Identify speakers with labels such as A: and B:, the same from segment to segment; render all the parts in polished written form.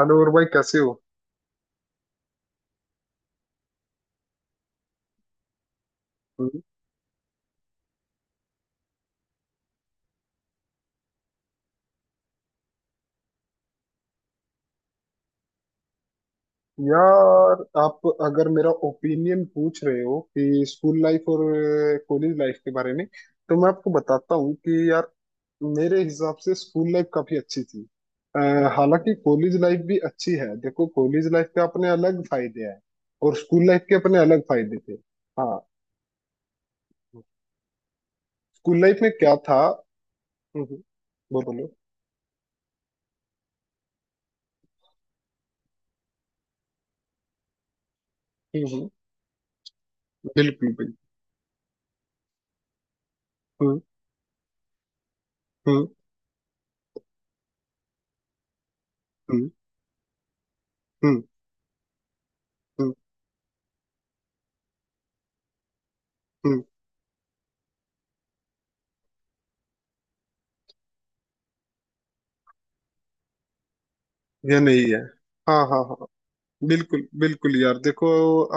A: Hello और भाई कैसे हो? हम्म। यार आप अगर मेरा ओपिनियन पूछ रहे हो कि स्कूल लाइफ और कॉलेज लाइफ के बारे में तो मैं आपको बताता हूँ कि यार मेरे हिसाब से स्कूल लाइफ काफी अच्छी थी। अ, हालांकि कॉलेज लाइफ भी अच्छी है। देखो कॉलेज लाइफ के अपने अलग फायदे हैं और स्कूल लाइफ के अपने अलग फायदे थे। हाँ। स्कूल लाइफ में क्या था? हम्म। हम्म। बोलो बोलो। हम्म। हम्म। बिल्कुल बिल्कुल। हम्म। हम्म। हम्म। हम्म। हम्म। हम्म। ये नहीं है। हाँ हाँ हाँ। बिल्कुल बिल्कुल यार देखो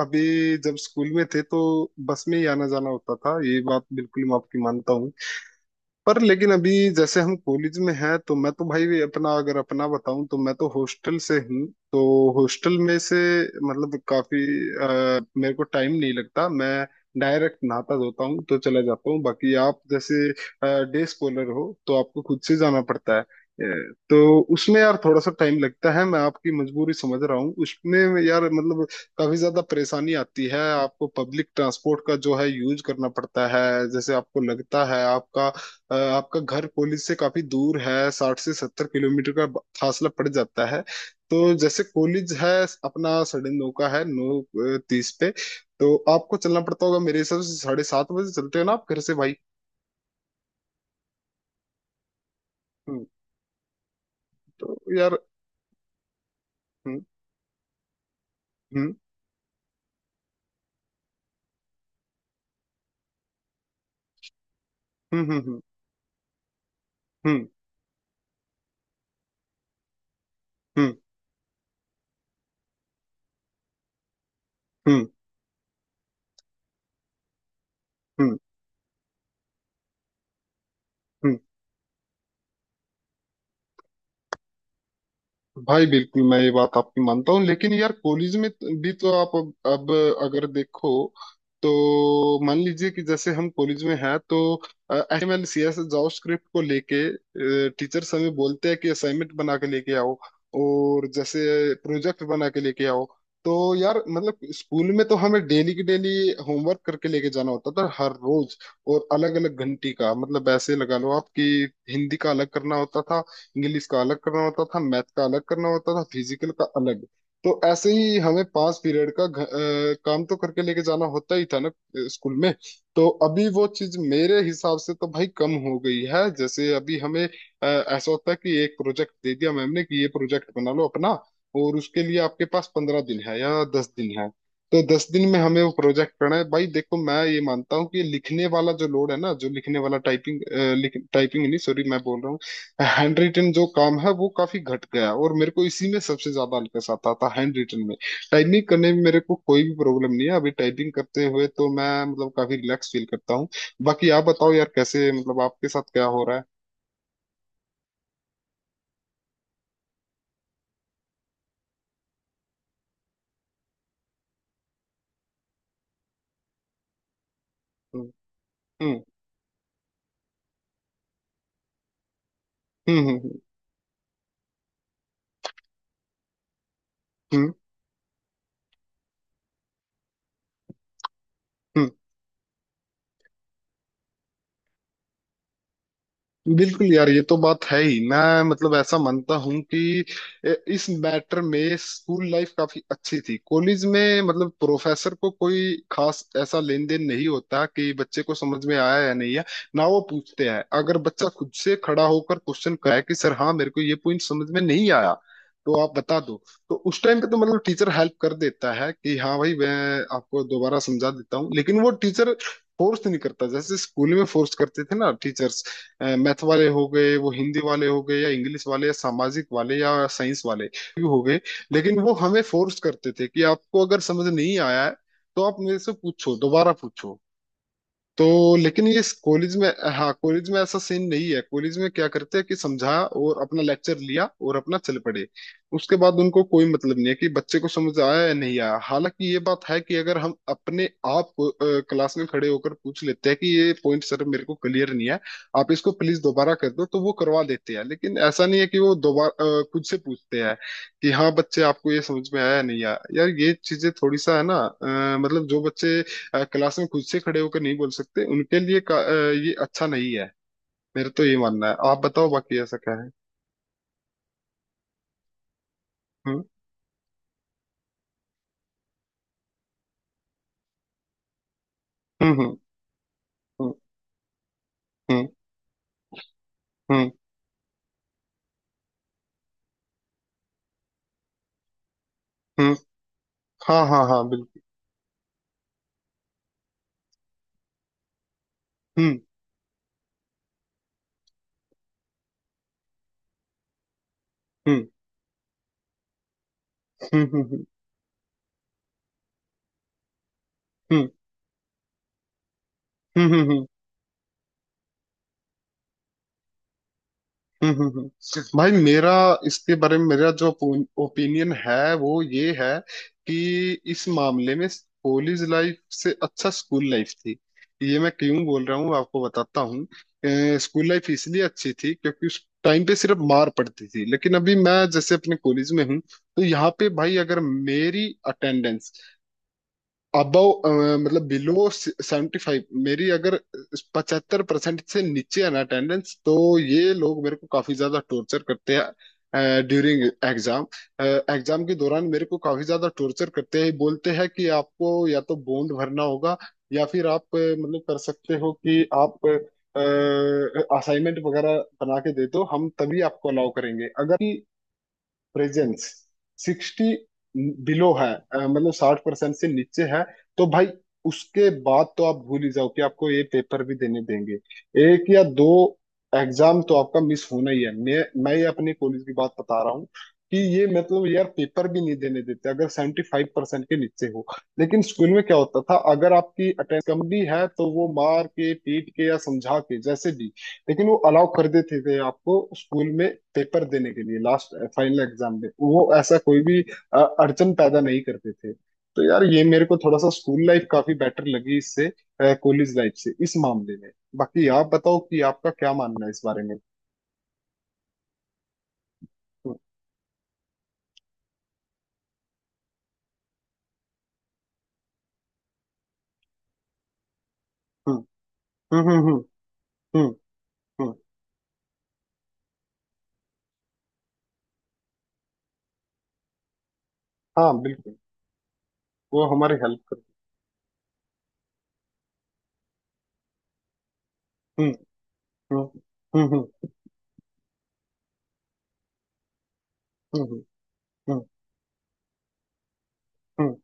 A: अभी जब स्कूल में थे तो बस में ही आना जाना होता था। ये बात बिल्कुल मैं आपकी मानता हूँ पर लेकिन अभी जैसे हम कॉलेज में हैं तो मैं तो भाई अपना अगर अपना बताऊं तो मैं तो हॉस्टल से हूँ। तो हॉस्टल में से मतलब काफी मेरे को टाइम नहीं लगता। मैं डायरेक्ट नहाता धोता हूँ तो चला जाता हूँ। बाकी आप जैसे डे स्कॉलर हो तो आपको खुद से जाना पड़ता है। तो उसमें यार थोड़ा सा टाइम लगता है। मैं आपकी मजबूरी समझ रहा हूँ उसमें यार मतलब काफी ज्यादा परेशानी आती है। आपको पब्लिक ट्रांसपोर्ट का जो है यूज करना पड़ता है। जैसे आपको लगता है आपका आपका घर पुलिस से काफी दूर है। 60 से 70 किलोमीटर का फासला पड़ जाता है। तो जैसे कॉलेज है अपना 9:30 का है। नौ तीस पे तो आपको चलना पड़ता होगा। मेरे हिसाब से 7:30 बजे चलते हो ना आप घर से भाई? हम्म। तो यार हम्म। हम्म। हम्म। हम्म। हम्म। हम्म। हम्म। हम्म। हम्म। भाई बिल्कुल मैं ये बात आपकी मानता हूँ लेकिन यार कॉलेज में भी तो आप अब अगर देखो तो मान लीजिए कि जैसे हम कॉलेज में हैं तो HML CS जावास्क्रिप्ट को लेके टीचर्स हमें बोलते हैं कि असाइनमेंट बना के लेके आओ और जैसे प्रोजेक्ट बना के लेके आओ। तो यार मतलब स्कूल में तो हमें डेली की डेली होमवर्क करके लेके जाना होता था हर रोज। और अलग अलग घंटी का मतलब ऐसे लगा लो आप कि हिंदी का अलग करना होता था, इंग्लिश का अलग करना होता था, मैथ का अलग करना होता था, फिजिकल का अलग। तो ऐसे ही हमें 5 पीरियड का काम तो करके लेके जाना होता ही था ना स्कूल में। तो अभी वो चीज मेरे हिसाब से तो भाई कम हो गई है। जैसे अभी हमें ऐसा होता है कि एक प्रोजेक्ट दे दिया मैम ने कि ये प्रोजेक्ट बना लो अपना और उसके लिए आपके पास 15 दिन है या 10 दिन है। तो 10 दिन में हमें वो प्रोजेक्ट करना है। भाई देखो मैं ये मानता हूँ कि लिखने वाला जो लोड है ना जो लिखने वाला टाइपिंग टाइपिंग नहीं, सॉरी मैं बोल रहा हूँ हैंड रिटन जो काम है वो काफी घट गया है। और मेरे को इसी में सबसे ज्यादा अलकस आता था हैंड रिटन में। टाइपिंग करने में मेरे को कोई भी प्रॉब्लम नहीं है। अभी टाइपिंग करते हुए तो मैं मतलब काफी रिलैक्स फील करता हूँ। बाकी आप बताओ यार कैसे मतलब आपके साथ क्या हो रहा है? हम्म। हम्म। हम्म। हम्म। हम्म। हम्म। बिल्कुल यार ये तो बात है ही। मैं मतलब ऐसा मानता हूँ कि इस मैटर में स्कूल लाइफ काफी अच्छी थी। कॉलेज में मतलब प्रोफेसर को कोई खास ऐसा लेन देन नहीं होता कि बच्चे को समझ में आया या नहीं है। ना वो पूछते हैं। अगर बच्चा खुद से खड़ा होकर क्वेश्चन कराए कि सर हाँ मेरे को ये पॉइंट समझ में नहीं आया तो आप बता दो, तो उस टाइम पे तो मतलब टीचर हेल्प कर देता है कि हाँ भाई मैं आपको दोबारा समझा देता हूँ। लेकिन वो टीचर फोर्स नहीं करता जैसे स्कूल में फोर्स करते थे ना टीचर्स। मैथ वाले हो गए, वो हिंदी वाले हो गए या इंग्लिश वाले या सामाजिक वाले या साइंस वाले भी हो गए। लेकिन वो हमें फोर्स करते थे कि आपको अगर समझ नहीं आया है तो आप मेरे से पूछो दोबारा पूछो तो। लेकिन ये कॉलेज में, हाँ कॉलेज में ऐसा सीन नहीं है। कॉलेज में क्या करते हैं कि समझा और अपना लेक्चर लिया और अपना चल पड़े। उसके बाद उनको कोई मतलब नहीं है कि बच्चे को समझ आया या नहीं आया। हालांकि ये बात है कि अगर हम अपने आप को क्लास में खड़े होकर पूछ लेते हैं कि ये पॉइंट सर मेरे को क्लियर नहीं है, आप इसको प्लीज दोबारा कर दो, तो वो करवा देते हैं। लेकिन ऐसा नहीं है कि वो दोबारा खुद से पूछते हैं कि हाँ बच्चे आपको ये समझ में आया या नहीं आया। यार ये चीजें थोड़ी सा है ना मतलब जो बच्चे क्लास में खुद से खड़े होकर नहीं बोल सकते उनके लिए ये अच्छा नहीं है। मेरा तो ये मानना है। आप बताओ बाकी ऐसा क्या है। हम्म। हम्म। हम्म। हम्म। हम्म। हम्म। हम्म। हाँ हाँ हाँ बिल्कुल। हम्म। हम्म। हम्म। हम्म। हम्म। हम्म। हम्म। हम्म। हम्म। हम्म। हम्म। भाई मेरा इसके बारे में मेरा जो ओपिनियन है वो ये है कि इस मामले में कॉलेज लाइफ से अच्छा स्कूल लाइफ थी। ये मैं क्यों बोल रहा हूँ आपको बताता हूँ। स्कूल लाइफ इसलिए अच्छी थी क्योंकि उस टाइम पे सिर्फ मार पड़ती थी। लेकिन अभी मैं जैसे अपने कॉलेज में हूँ तो यहाँ पे भाई अगर मेरी अटेंडेंस अबव, मतलब बिलो 75, मेरी अगर 75% से नीचे है ना अटेंडेंस तो ये लोग मेरे को काफी ज्यादा टॉर्चर करते हैं ड्यूरिंग एग्जाम। एग्जाम के दौरान मेरे को काफी ज्यादा टॉर्चर करते हैं। बोलते हैं कि आपको या तो बॉन्ड भरना होगा या फिर आप मतलब कर सकते हो कि आप असाइनमेंट वगैरह बना के दे दो। हम तभी आपको अलाउ करेंगे अगर प्रेजेंस 60 बिलो है, मतलब 60% से नीचे है तो भाई उसके बाद तो आप भूल ही जाओ कि आपको ये पेपर भी देने देंगे। एक या दो एग्जाम तो आपका मिस होना ही है। मैं ये अपने कॉलेज की बात बता रहा हूँ कि ये मतलब यार पेपर भी नहीं देने देते अगर 75% के नीचे हो। लेकिन स्कूल में क्या होता था, अगर आपकी अटेंडेंस कम भी है तो वो मार के पीट के या समझा के जैसे भी, लेकिन वो अलाउ कर देते थे आपको स्कूल में पेपर देने के लिए। लास्ट फाइनल एग्जाम में वो ऐसा कोई भी अड़चन पैदा नहीं करते थे। तो यार ये मेरे को थोड़ा सा स्कूल लाइफ काफी बेटर लगी इससे कॉलेज लाइफ से इस मामले में। बाकी आप बताओ कि आपका क्या मानना है इस बारे में। हम्म। हम्म। हम्म। हम्म। हम्म। हम्म। हम्म। हाँ बिल्कुल। वो हमारी हेल्प करते। हम्म। हम्म। हम्म। हम्म। हम्म। हम्म। हम्म।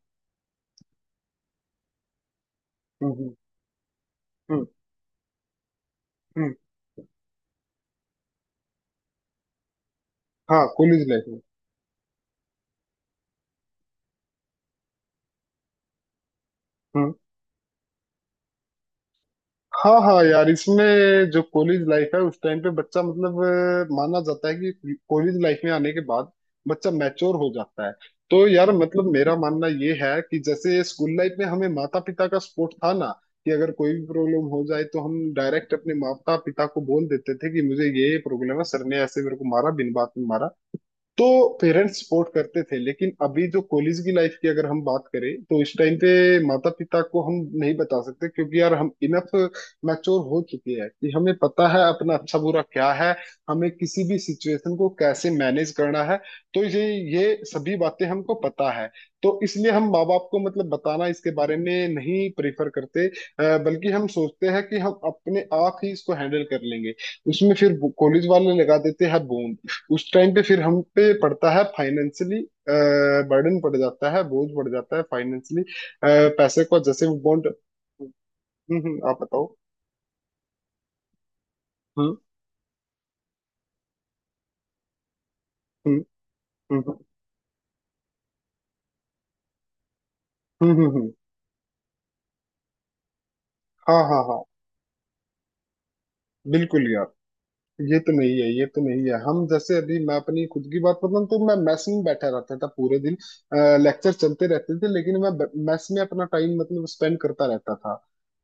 A: हम्म। हम्म। हम्म। हाँ कॉलेज लाइफ में। हम्म। हाँ हाँ यार इसमें जो कॉलेज लाइफ है उस टाइम पे बच्चा मतलब माना जाता है कि कॉलेज लाइफ में आने के बाद बच्चा मैच्योर हो जाता है। तो यार मतलब मेरा मानना ये है कि जैसे स्कूल लाइफ में हमें माता पिता का सपोर्ट था ना कि अगर कोई भी प्रॉब्लम हो जाए तो हम डायरेक्ट अपने माता पिता को बोल देते थे कि मुझे ये प्रॉब्लम है सर ने ऐसे मेरे को मारा बिन बात में मारा, तो पेरेंट्स सपोर्ट करते थे। लेकिन अभी जो कॉलेज की लाइफ की अगर हम बात करें तो इस टाइम पे माता पिता को हम नहीं बता सकते क्योंकि यार हम इनफ मैच्योर हो चुके हैं कि हमें पता है अपना अच्छा बुरा क्या है। हमें किसी भी सिचुएशन को कैसे मैनेज करना है। तो ये सभी बातें हमको पता है। तो इसलिए हम माँ बाप को मतलब बताना इसके बारे में नहीं प्रेफर करते, बल्कि हम सोचते हैं कि हम अपने आप ही इसको हैंडल कर लेंगे। उसमें फिर कॉलेज वाले लगा देते हैं बोम। उस टाइम पे फिर हम पे पड़ता है फाइनेंशियली, बर्डन पड़ जाता है बोझ पड़ जाता है फाइनेंशियली, पैसे को जैसे वो बॉन्ड। हम्म। हम्म। आप बताओ। हम्म। हम्म। हम्म। हम्म। हम्म। हम्म। हाँ हाँ हाँ। बिल्कुल यार ये तो नहीं है ये तो नहीं है। हम जैसे अभी मैं अपनी खुद की बात बताऊं तो मैं मेस में बैठा रहता था पूरे दिन। लेक्चर चलते रहते थे लेकिन मैं मेस में अपना टाइम मतलब स्पेंड करता रहता था।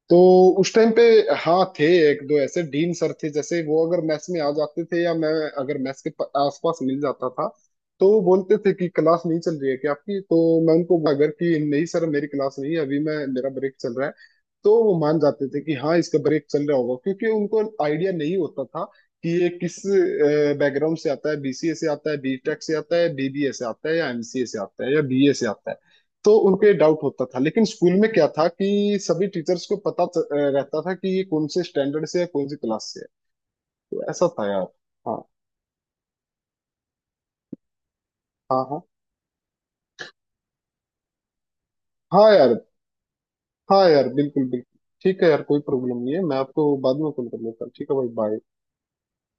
A: तो उस टाइम पे हाँ थे, एक दो ऐसे डीन सर थे जैसे वो अगर मैस में आ जाते थे या मैं अगर मैस के आसपास मिल जाता था तो वो बोलते थे कि क्लास नहीं चल रही है क्या आपकी? तो मैं उनको अगर कि नहीं सर मेरी क्लास नहीं है अभी मैं, मेरा ब्रेक चल रहा है, तो वो मान जाते थे कि हाँ इसका ब्रेक चल रहा होगा क्योंकि उनको आइडिया नहीं होता था कि ये किस बैकग्राउंड से आता है, BCA से आता है, B.Tech से आता है, BBA से आता है या MCA से आता है या BA से आता है। तो उनको ये डाउट होता था। लेकिन स्कूल में क्या था कि सभी टीचर्स को पता रहता था कि ये कौन से स्टैंडर्ड से है, कौन सी क्लास से है। तो ऐसा था यार। हाँ हाँ हाँ। हाँ यार। हाँ यार बिल्कुल बिल्कुल। ठीक है यार कोई प्रॉब्लम नहीं है। मैं आपको बाद में कॉल कर लेता हूँ। ठीक है भाई, बाय।